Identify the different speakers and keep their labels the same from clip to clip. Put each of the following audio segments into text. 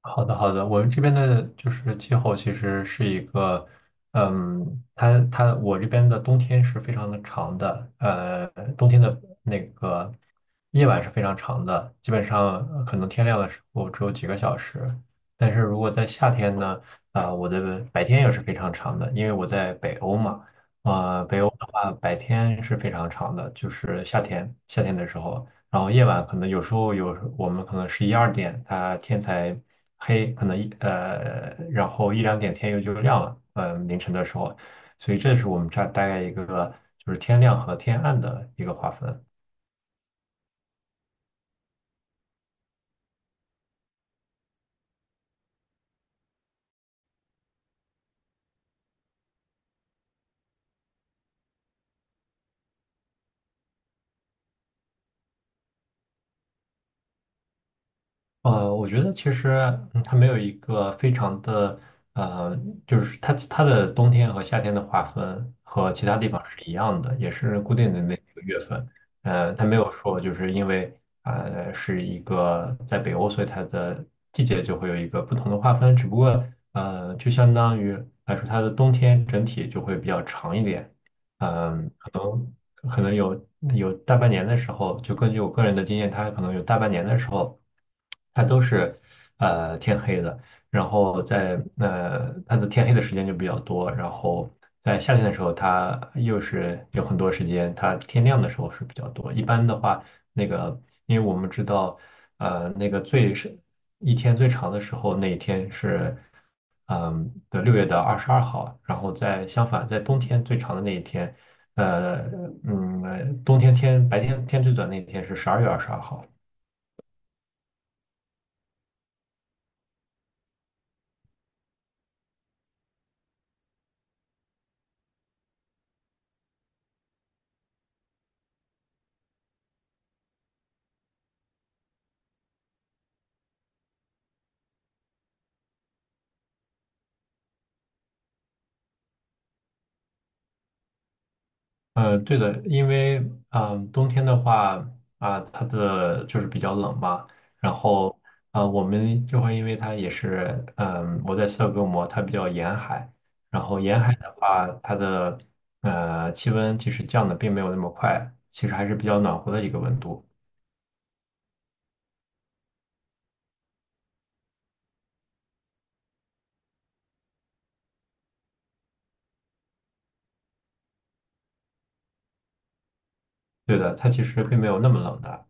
Speaker 1: 好的，好的，我们这边的就是气候其实是一个，它我这边的冬天是非常的长的，冬天的那个夜晚是非常长的，基本上可能天亮的时候只有几个小时。但是如果在夏天呢，我的白天也是非常长的，因为我在北欧嘛。北欧的话白天是非常长的，就是夏天的时候。然后夜晚可能有时候有我们可能11、12点，它天才黑，可能一呃，然后1、2点天又就亮了，凌晨的时候，所以这是我们这儿大概一个就是天亮和天暗的一个划分。我觉得其实它没有一个非常的，呃，就是它的冬天和夏天的划分和其他地方是一样的，也是固定的那几个月份。它没有说就是因为是一个在北欧，所以它的季节就会有一个不同的划分。只不过就相当于来说，它的冬天整体就会比较长一点。嗯，可能。可能有大半年的时候，就根据我个人的经验，它可能有大半年的时候，它都是天黑的，然后在它的天黑的时间就比较多。然后在夏天的时候，它又是有很多时间，它天亮的时候是比较多。一般的话，那个因为我们知道，那个最深一天最长的时候，那一天是6月的22号，然后在相反，在冬天最长的那一天，呃冬天白天最短那一天是12月22号。对的，因为冬天的话，它的就是比较冷嘛。然后我们就会因为它也是，我在斯德哥尔摩，它比较沿海。然后沿海的话，它的气温其实降的并没有那么快，其实还是比较暖和的一个温度。对的，它其实并没有那么冷的。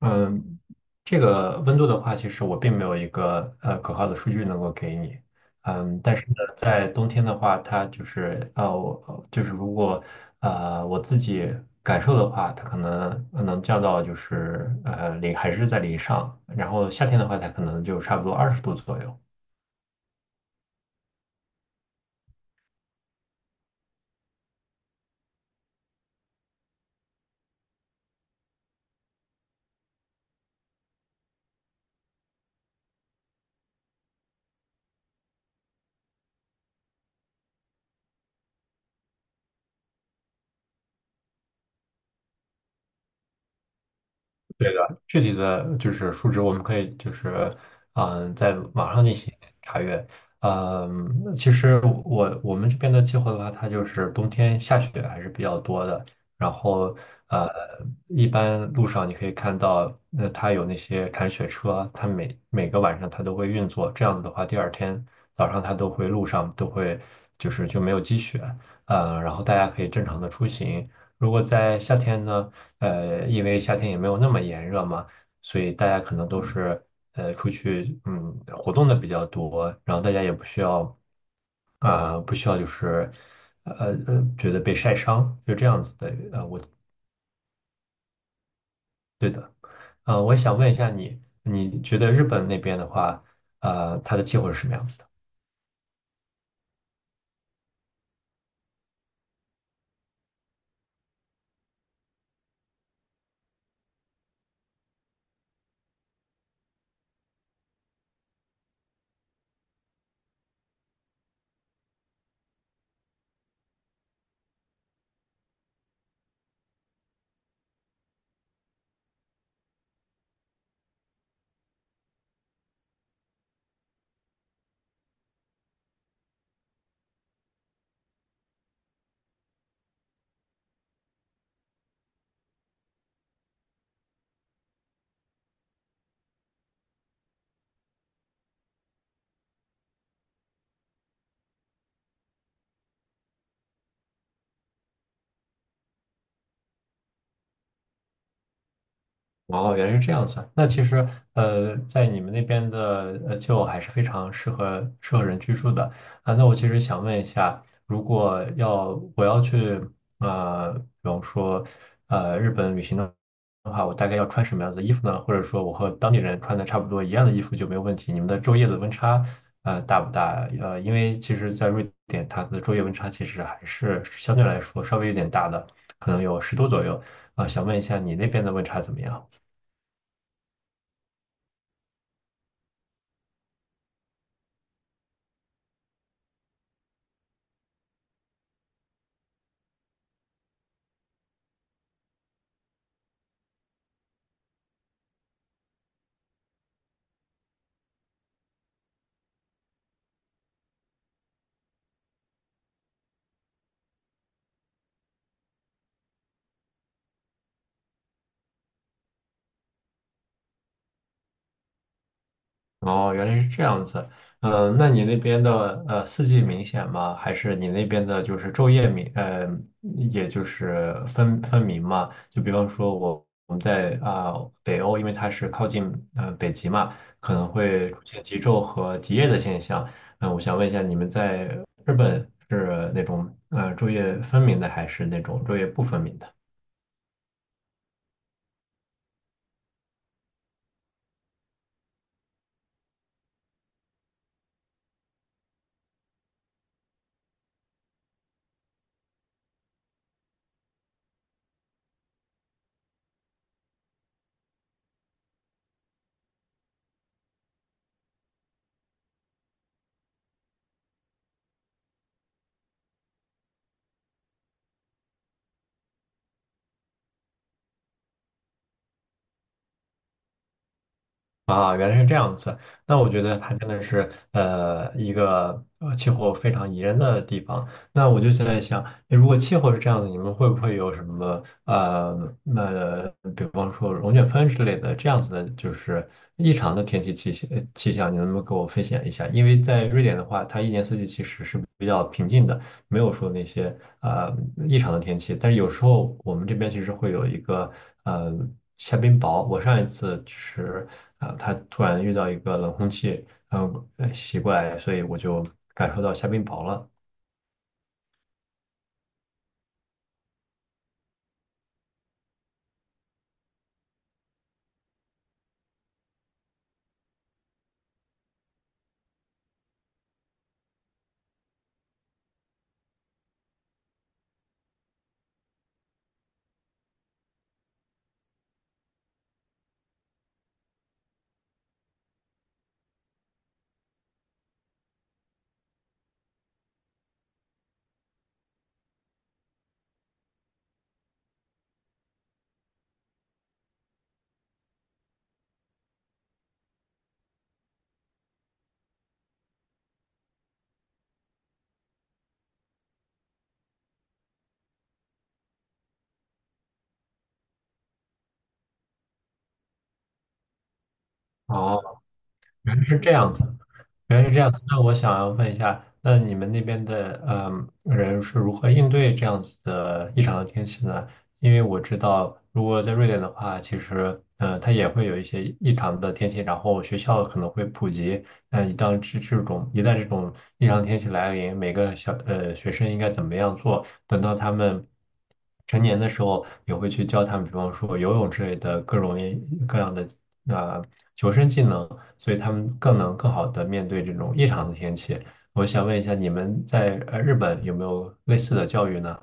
Speaker 1: 嗯，这个温度的话，其实我并没有一个可靠的数据能够给你。嗯，但是呢，在冬天的话，它就是，我就是如果我自己感受的话，它可能能降到就是零还是在零上。然后夏天的话，它可能就差不多20度左右。对的，具体的就是数值，我们可以就是在网上进行查阅。其实我们这边的气候的话，它就是冬天下雪还是比较多的。然后呃，一般路上你可以看到，那它有那些铲雪车，它每个晚上它都会运作。这样子的话，第二天早上它都会路上都会就是就没有积雪，然后大家可以正常的出行。如果在夏天呢？因为夏天也没有那么炎热嘛，所以大家可能都是出去活动的比较多。然后大家也不需要，不需要就是呃觉得被晒伤，就这样子的。呃对的。我想问一下你，你觉得日本那边的话，它的气候是什么样子的？哦，原来是这样子啊。那其实，在你们那边的旧还是非常适合人居住的啊。那我其实想问一下，如果要我要去比方说日本旅行的话，我大概要穿什么样子的衣服呢？或者说我和当地人穿的差不多一样的衣服就没有问题？你们的昼夜的温差大不大？因为其实，在瑞典，它的昼夜温差其实还是相对来说稍微有点大的，可能有十度左右啊。想问一下你那边的温差怎么样？哦，原来是这样子。那你那边的四季明显吗？还是你那边的就是昼夜明呃，也就是分明嘛？就比方说我们在，北欧，因为它是靠近北极嘛，可能会出现极昼和极夜的现象。我想问一下，你们在日本是那种昼夜分明的，还是那种昼夜不分明的？啊，原来是这样子。那我觉得它真的是一个气候非常宜人的地方。那我就现在想，诶如果气候是这样子，你们会不会有什么，比方说龙卷风之类的这样子的，就是异常的天气，气象，你能不能给我分享一下？因为在瑞典的话，它一年四季其实是比较平静的。没有说那些异常的天气，但是有时候我们这边其实会有一个呃下冰雹。我上一次就是，它突然遇到一个冷空气，奇怪，所以我就感受到下冰雹了。原来是这样子，原来是这样子。那我想要问一下，那你们那边的人是如何应对这样子的异常的天气呢？因为我知道，如果在瑞典的话，其实它也会有一些异常的天气，然后学校可能会普及。那一旦这种异常天气来临，每个学生应该怎么样做？等到他们成年的时候，也会去教他们，比方说游泳之类的各种各样的呃求生技能。所以他们更能更好的面对这种异常的天气。我想问一下，你们在日本有没有类似的教育呢？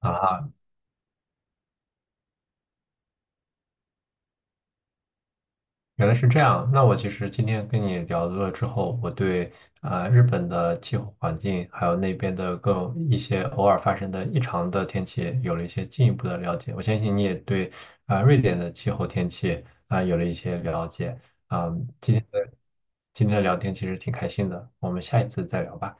Speaker 1: 啊哈，原来是这样。那我其实今天跟你聊了之后，我对日本的气候环境，还有那边的更一些偶尔发生的异常的天气，有了一些进一步的了解。我相信你也对瑞典的气候天气啊有了一些了解。啊，今天的今天的聊天其实挺开心的，我们下一次再聊吧。